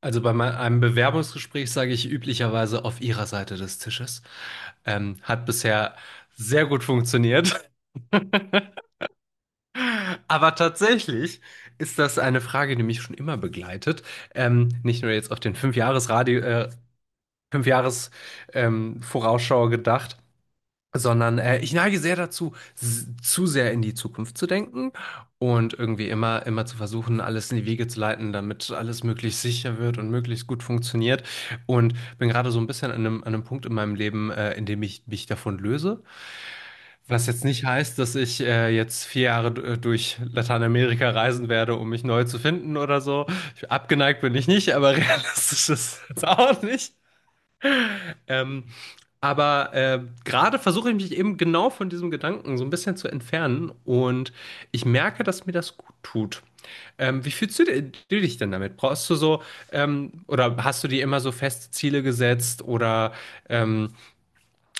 Also bei einem Bewerbungsgespräch sage ich üblicherweise auf Ihrer Seite des Tisches. Hat bisher sehr gut funktioniert. Aber tatsächlich ist das eine Frage, die mich schon immer begleitet. Nicht nur jetzt auf den Fünfjahresradio, Fünfjahres, Vorausschau gedacht, sondern ich neige sehr dazu, zu sehr in die Zukunft zu denken und irgendwie immer zu versuchen, alles in die Wege zu leiten, damit alles möglichst sicher wird und möglichst gut funktioniert. Und bin gerade so ein bisschen an einem Punkt in meinem Leben, in dem ich mich davon löse. Was jetzt nicht heißt, dass ich jetzt 4 Jahre durch Lateinamerika reisen werde, um mich neu zu finden oder so. Ich, abgeneigt bin ich nicht, aber realistisch ist es auch nicht. Ähm, aber gerade versuche ich mich eben genau von diesem Gedanken so ein bisschen zu entfernen und ich merke, dass mir das gut tut. Wie fühlst du, du dich denn damit? Brauchst du so, oder hast du dir immer so feste Ziele gesetzt oder ähm,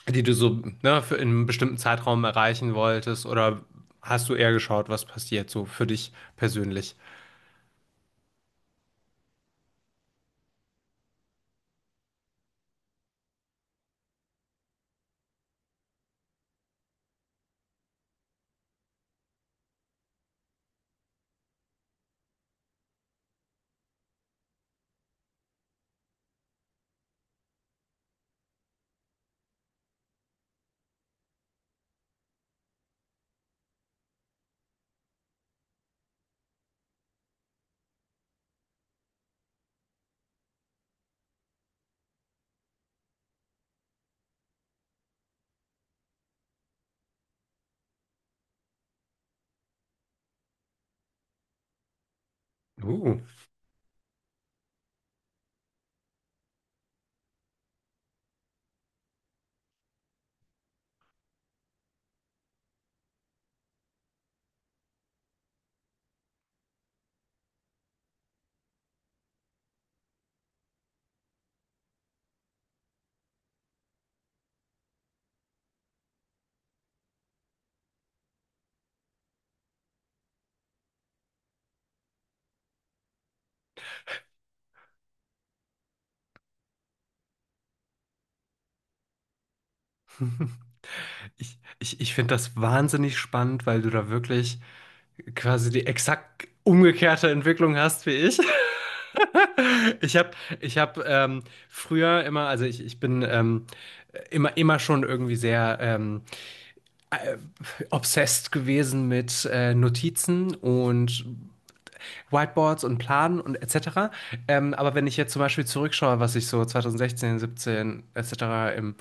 die du so, ne, für in einem bestimmten Zeitraum erreichen wolltest oder hast du eher geschaut, was passiert so für dich persönlich? Uh. Ich finde das wahnsinnig spannend, weil du da wirklich quasi die exakt umgekehrte Entwicklung hast wie ich. Ich habe ich hab, früher immer, also ich bin immer schon irgendwie sehr obsessed gewesen mit Notizen und Whiteboards und Planen und etc. Aber wenn ich jetzt zum Beispiel zurückschaue, was ich so 2016, 17 etc. im,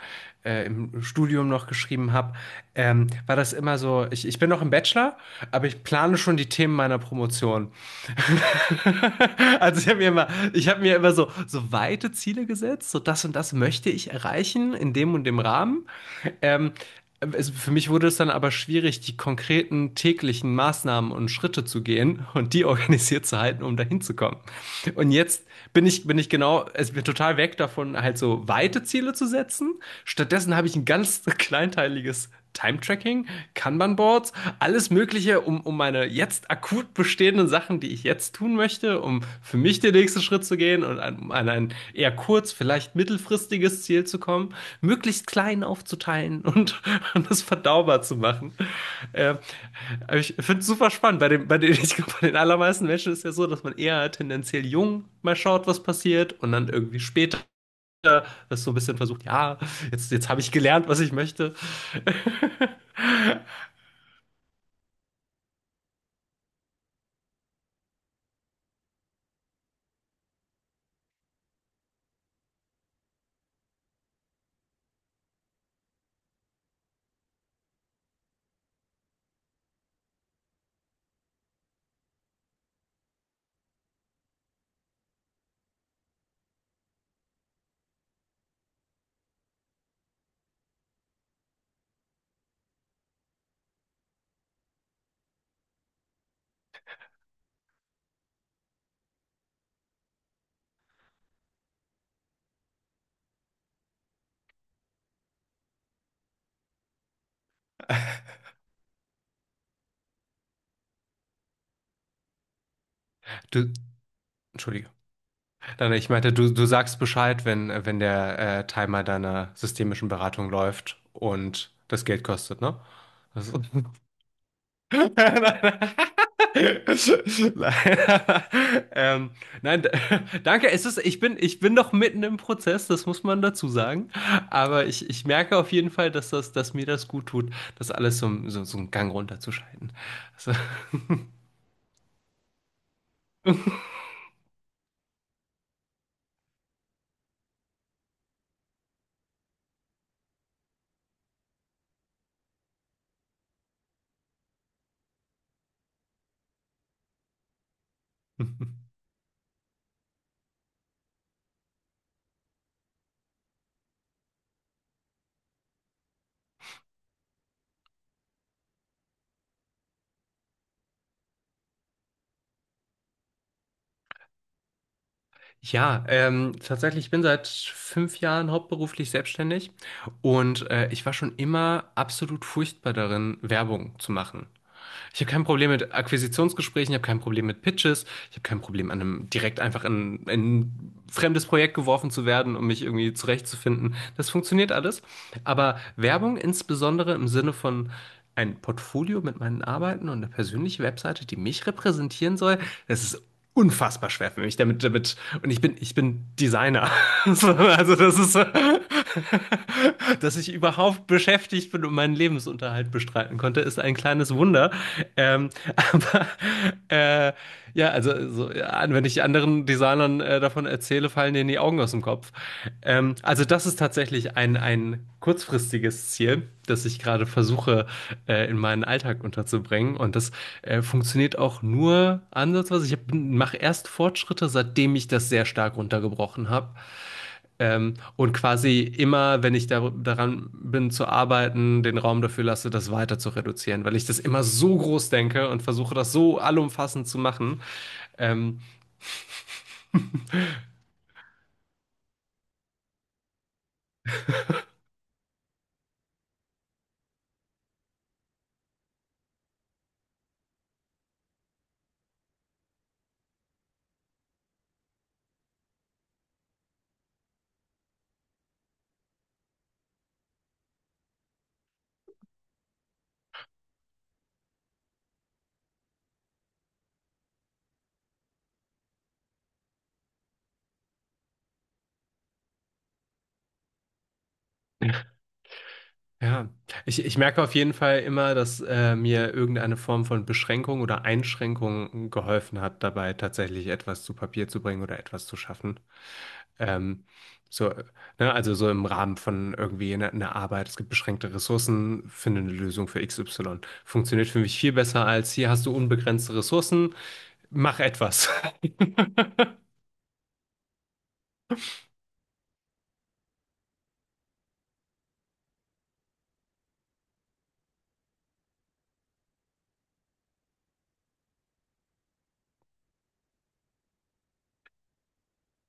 im Studium noch geschrieben habe, war das immer so, ich bin noch im Bachelor, aber ich plane schon die Themen meiner Promotion. Also ich habe mir immer so weite Ziele gesetzt, so das und das möchte ich erreichen in dem und dem Rahmen. Ähm, für mich wurde es dann aber schwierig, die konkreten täglichen Maßnahmen und Schritte zu gehen und die organisiert zu halten, um dahin zu kommen. Und jetzt bin ich genau, es bin total weg davon, halt so weite Ziele zu setzen. Stattdessen habe ich ein ganz kleinteiliges Time-Tracking, Kanban-Boards, alles Mögliche, um meine jetzt akut bestehenden Sachen, die ich jetzt tun möchte, um für mich den nächsten Schritt zu gehen und um an ein eher kurz, vielleicht mittelfristiges Ziel zu kommen, möglichst klein aufzuteilen und das verdaubar zu machen. Äh, ich finde es super spannend. Bei, dem, bei, den, ich glaub, bei den allermeisten Menschen ist ja so, dass man eher tendenziell jung mal schaut, was passiert und dann irgendwie später das so ein bisschen versucht, ja, jetzt habe ich gelernt, was ich möchte. Du, entschuldige. Nein, nein, ich meinte, du sagst Bescheid, wenn der Timer deiner systemischen Beratung läuft und das Geld kostet, ne? Das nein, nein, nein. Nein, ähm, nein, danke. Es ist, ich bin noch mitten im Prozess, das muss man dazu sagen. Aber ich merke auf jeden Fall, dass dass mir das gut tut, das alles so einen Gang runterzuschalten. Also, ja, tatsächlich, ich bin seit 5 Jahren hauptberuflich selbstständig und ich war schon immer absolut furchtbar darin, Werbung zu machen. Ich habe kein Problem mit Akquisitionsgesprächen, ich habe kein Problem mit Pitches, ich habe kein Problem, an einem direkt einfach in ein fremdes Projekt geworfen zu werden, um mich irgendwie zurechtzufinden. Das funktioniert alles. Aber Werbung insbesondere im Sinne von ein Portfolio mit meinen Arbeiten und eine persönliche Webseite, die mich repräsentieren soll, das ist unfassbar schwer für mich und ich bin Designer. So, also dass ich überhaupt beschäftigt bin und meinen Lebensunterhalt bestreiten konnte, ist ein kleines Wunder. Ähm, aber äh, ja, also so, ja, wenn ich anderen Designern davon erzähle, fallen denen die Augen aus dem Kopf. Also das ist tatsächlich ein kurzfristiges Ziel, das ich gerade versuche, in meinen Alltag unterzubringen. Und das funktioniert auch nur ansatzweise. Ich mache erst Fortschritte, seitdem ich das sehr stark runtergebrochen habe. Und quasi immer, wenn ich daran bin zu arbeiten, den Raum dafür lasse, das weiter zu reduzieren, weil ich das immer so groß denke und versuche, das so allumfassend zu machen. Ähm, ja, ich merke auf jeden Fall immer, dass mir irgendeine Form von Beschränkung oder Einschränkung geholfen hat, dabei tatsächlich etwas zu Papier zu bringen oder etwas zu schaffen. Ähm, so, ne, also so im Rahmen von irgendwie einer Arbeit, es gibt beschränkte Ressourcen, finde eine Lösung für XY. Funktioniert für mich viel besser als hier hast du unbegrenzte Ressourcen, mach etwas.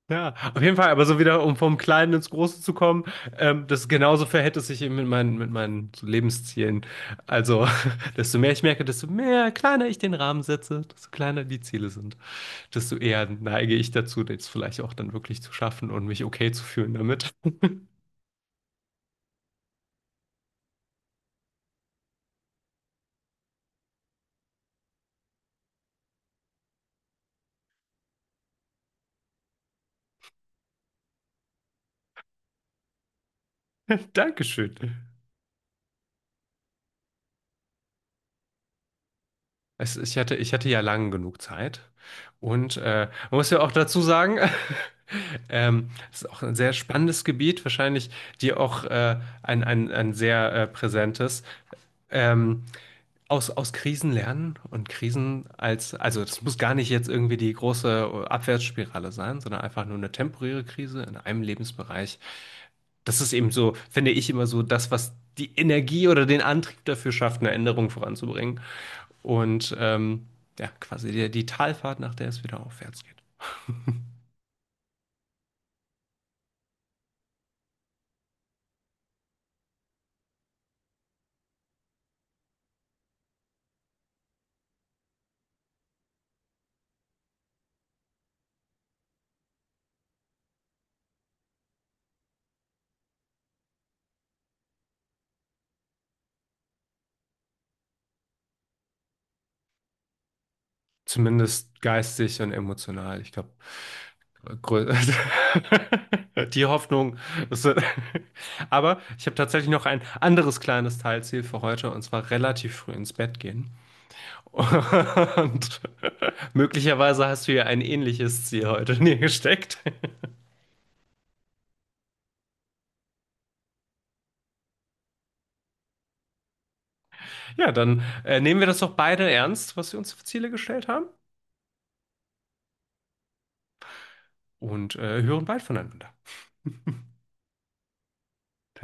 Ja, auf jeden Fall, aber so wieder, um vom Kleinen ins Große zu kommen, das genauso verhält es sich eben mit meinen so Lebenszielen. Also, desto mehr ich merke, desto mehr kleiner ich den Rahmen setze, desto kleiner die Ziele sind, desto eher neige ich dazu, das vielleicht auch dann wirklich zu schaffen und mich okay zu fühlen damit. Dankeschön. Ich hatte ja lang genug Zeit. Und man muss ja auch dazu sagen, es ist auch ein sehr spannendes Gebiet, wahrscheinlich dir auch ein sehr präsentes. Ähm, aus Krisen lernen und Krisen als, also das muss gar nicht jetzt irgendwie die große Abwärtsspirale sein, sondern einfach nur eine temporäre Krise in einem Lebensbereich. Das ist eben so, finde ich immer so das, was die Energie oder den Antrieb dafür schafft, eine Änderung voranzubringen. Und ja, quasi die Talfahrt, nach der es wieder aufwärts geht. Zumindest geistig und emotional. Ich glaube, grö- die Hoffnung. Ist, aber ich habe tatsächlich noch ein anderes kleines Teilziel für heute, und zwar relativ früh ins Bett gehen. Und möglicherweise hast du ja ein ähnliches Ziel heute in dir gesteckt. Ja, dann nehmen wir das doch beide ernst, was wir uns für Ziele gestellt haben, und hören bald voneinander. Danke.